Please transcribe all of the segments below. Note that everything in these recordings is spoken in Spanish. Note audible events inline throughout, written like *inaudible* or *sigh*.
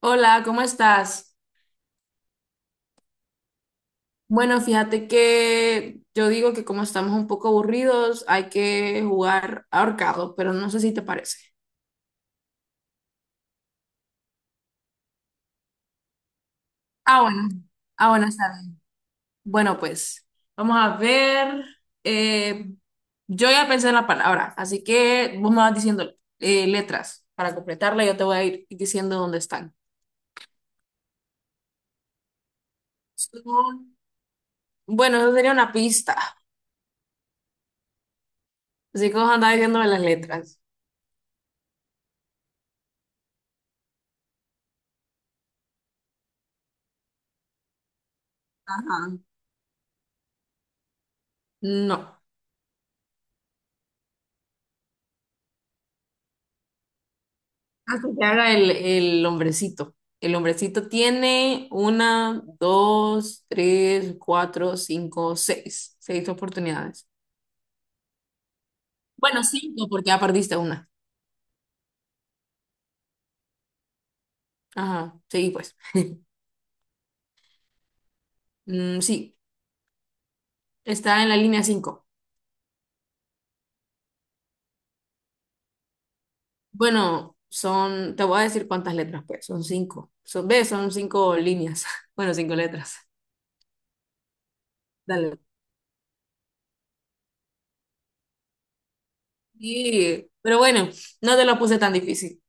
Hola, ¿cómo estás? Bueno, fíjate que yo digo que como estamos un poco aburridos, hay que jugar ahorcado, pero no sé si te parece. Ah, bueno. Ah, bueno, está bien. Bueno, pues vamos a ver. Eh, yo ya pensé en la palabra, así que vos me vas diciendo letras para completarla. Yo te voy a ir diciendo dónde están. Son- Bueno, eso sería una pista. Así que vos andás diciéndome las letras. Ajá. No. Que te haga el hombrecito. El hombrecito tiene una, dos, tres, cuatro, cinco, seis. Seis oportunidades. Bueno, cinco, porque ya perdiste una. Ajá, sí, pues. Mm, sí, está en la línea cinco. Bueno, son, te voy a decir cuántas letras, pues. Son cinco. Son, ¿ves? Son cinco líneas. *laughs* Bueno, cinco letras. Dale. Sí, pero bueno, no te lo puse tan difícil.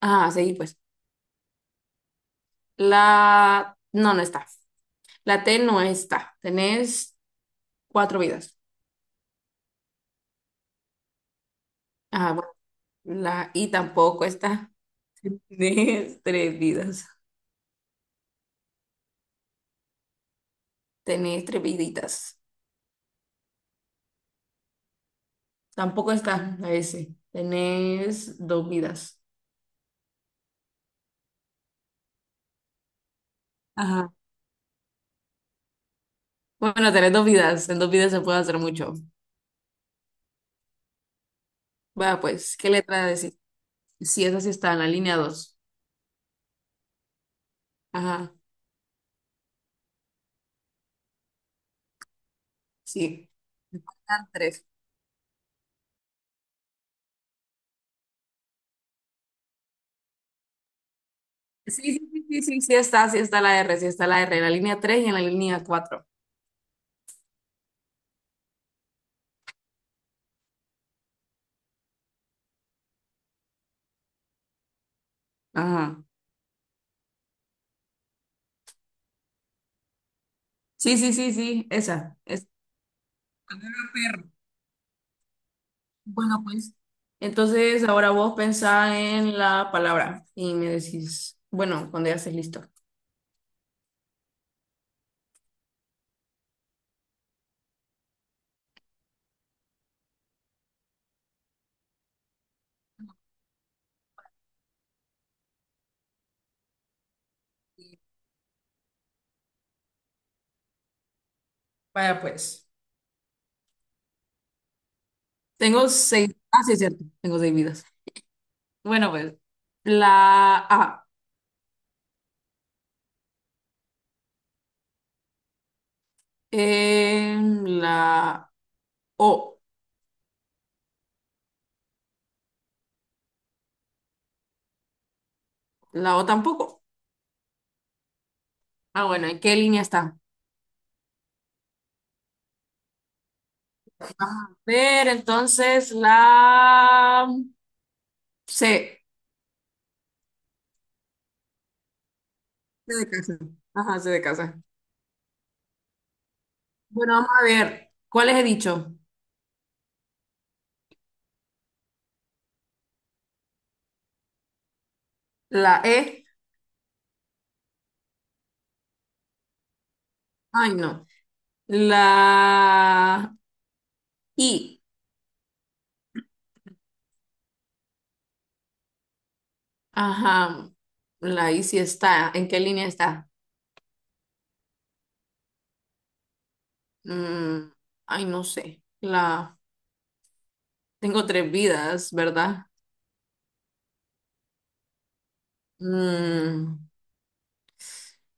Ajá, sí, pues. La... No, no está. La T no está. Tenés cuatro vidas. Ah, bueno. La I tampoco está. *laughs* Tenés tres vidas. Tenés tres viditas. Tampoco está la S. Tenés dos vidas. Ajá. Bueno, tenés dos vidas. En dos vidas se puede hacer mucho. Va, pues, ¿qué letra decir? Sí, esa sí está en la línea 2. Ajá, sí. Me faltan tres. Sí, sí, sí, sí, sí, sí está la R, sí está la R, en la línea 3 y en la línea cuatro. Ajá. Sí, sí, sí, sí, esa. Es bueno, pues, entonces ahora vos pensá en la palabra y me decís, bueno, cuando ya estés listo. Vaya pues. Tengo seis, ah, sí, es cierto, tengo seis vidas. Bueno, pues, la A, em, la O, la O tampoco. Ah, bueno, ¿en qué línea está? Vamos a ver, entonces, la C. C de casa. Ajá, C de casa. Bueno, vamos a ver, ¿cuáles he dicho? La E. Ay, no. La I, ajá, la I sí está. ¿En qué línea está? Mm, ay, no sé. La tengo tres vidas, ¿verdad? Mm,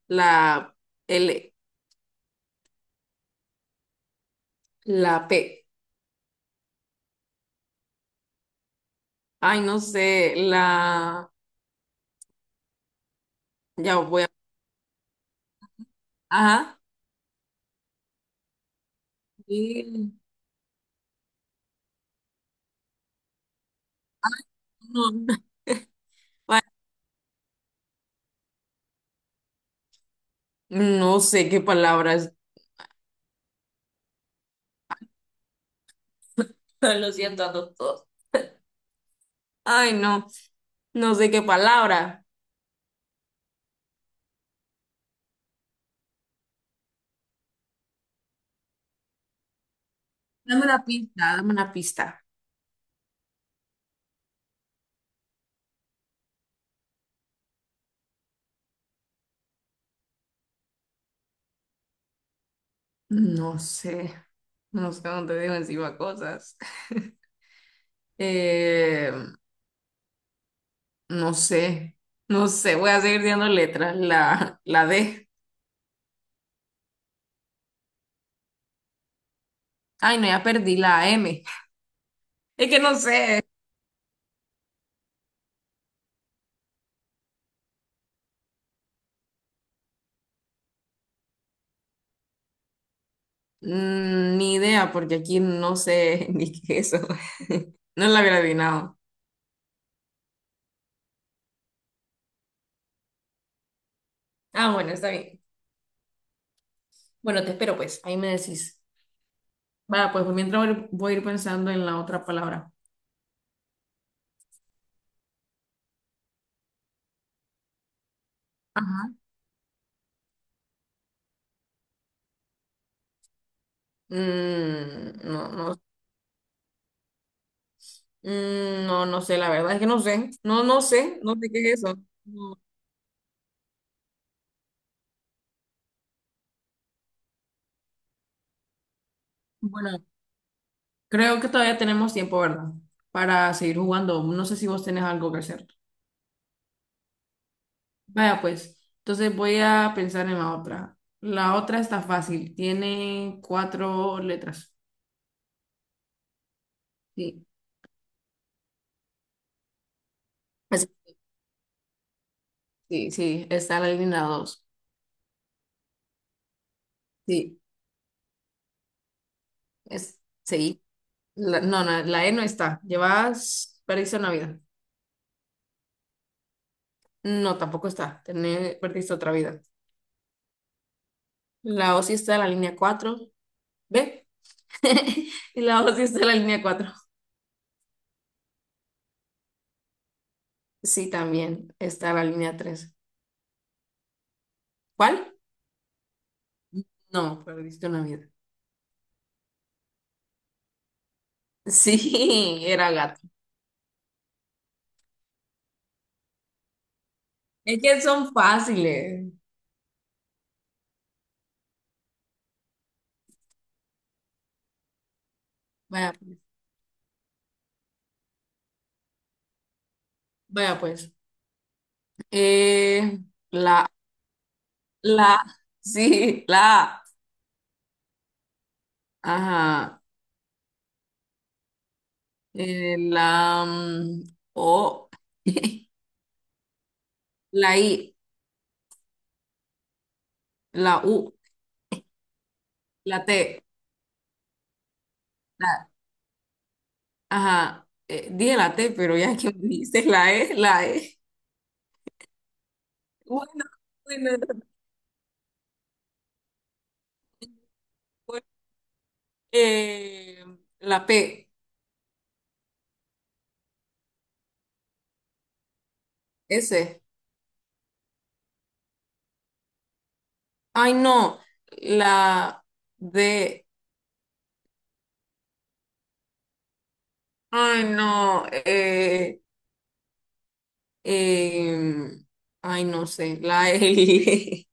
la L, la P. Ay, no sé. La ya voy a. Ajá. Y- No, *laughs* no sé qué palabras. *laughs* Lo siento a todos. Ay, no, no sé qué palabra. Dame una pista, dame una pista. No sé, no sé dónde dejo encima cosas. Eh, no sé, no sé, voy a seguir dando letras. La D. Ay, no, ya perdí la M. Es que no sé, mm, ni idea, porque aquí no sé *laughs* ni qué es eso. *laughs* No la había adivinado. Ah, bueno, está bien. Bueno, te espero, pues, ahí me decís. Va, pues mientras voy a ir pensando en la otra palabra. Ajá. Mm, no Mm, no, no sé, la verdad es que no sé. No, no sé, no sé qué es eso. No. Bueno, creo que todavía tenemos tiempo, ¿verdad? Para seguir jugando. No sé si vos tenés algo que hacer. Vaya, pues, entonces voy a pensar en la otra. La otra está fácil, tiene cuatro letras. Sí, es- sí, sí, está la línea 2. Sí, es, sí. No, no, la E no está. Llevas, perdiste una vida. No, tampoco está. Perdiste otra vida. La O sí está en la línea 4. ¿Ve? *laughs* Y la voz sí está en la línea cuatro. Sí, también está en la línea tres. ¿Cuál? No, perdiste una vida. Sí, *laughs* era gato. Es que son fáciles. Vaya, pues. Vaya, pues. Eh, la, la, sí, la, ajá. La, O, *laughs* la I, la U, la T, la, ajá. Dije la T, pero ya que me dijiste la E. *laughs* Bueno, bueno. Pues, eh, la P, S. Ay, no. La D. Ay, no. Em, ay, no sé. La L.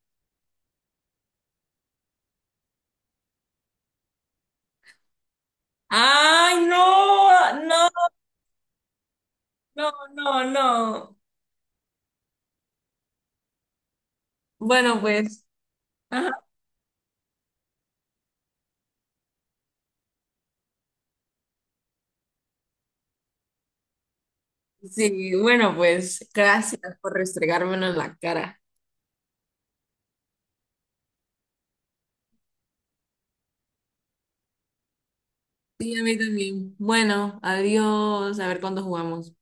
*laughs* Ay, no. No, no, no, no. Bueno, pues. Ajá, sí, bueno, pues. Gracias por restregármelo en la cara. Sí, a mí también. Bueno, adiós. A ver cuándo jugamos.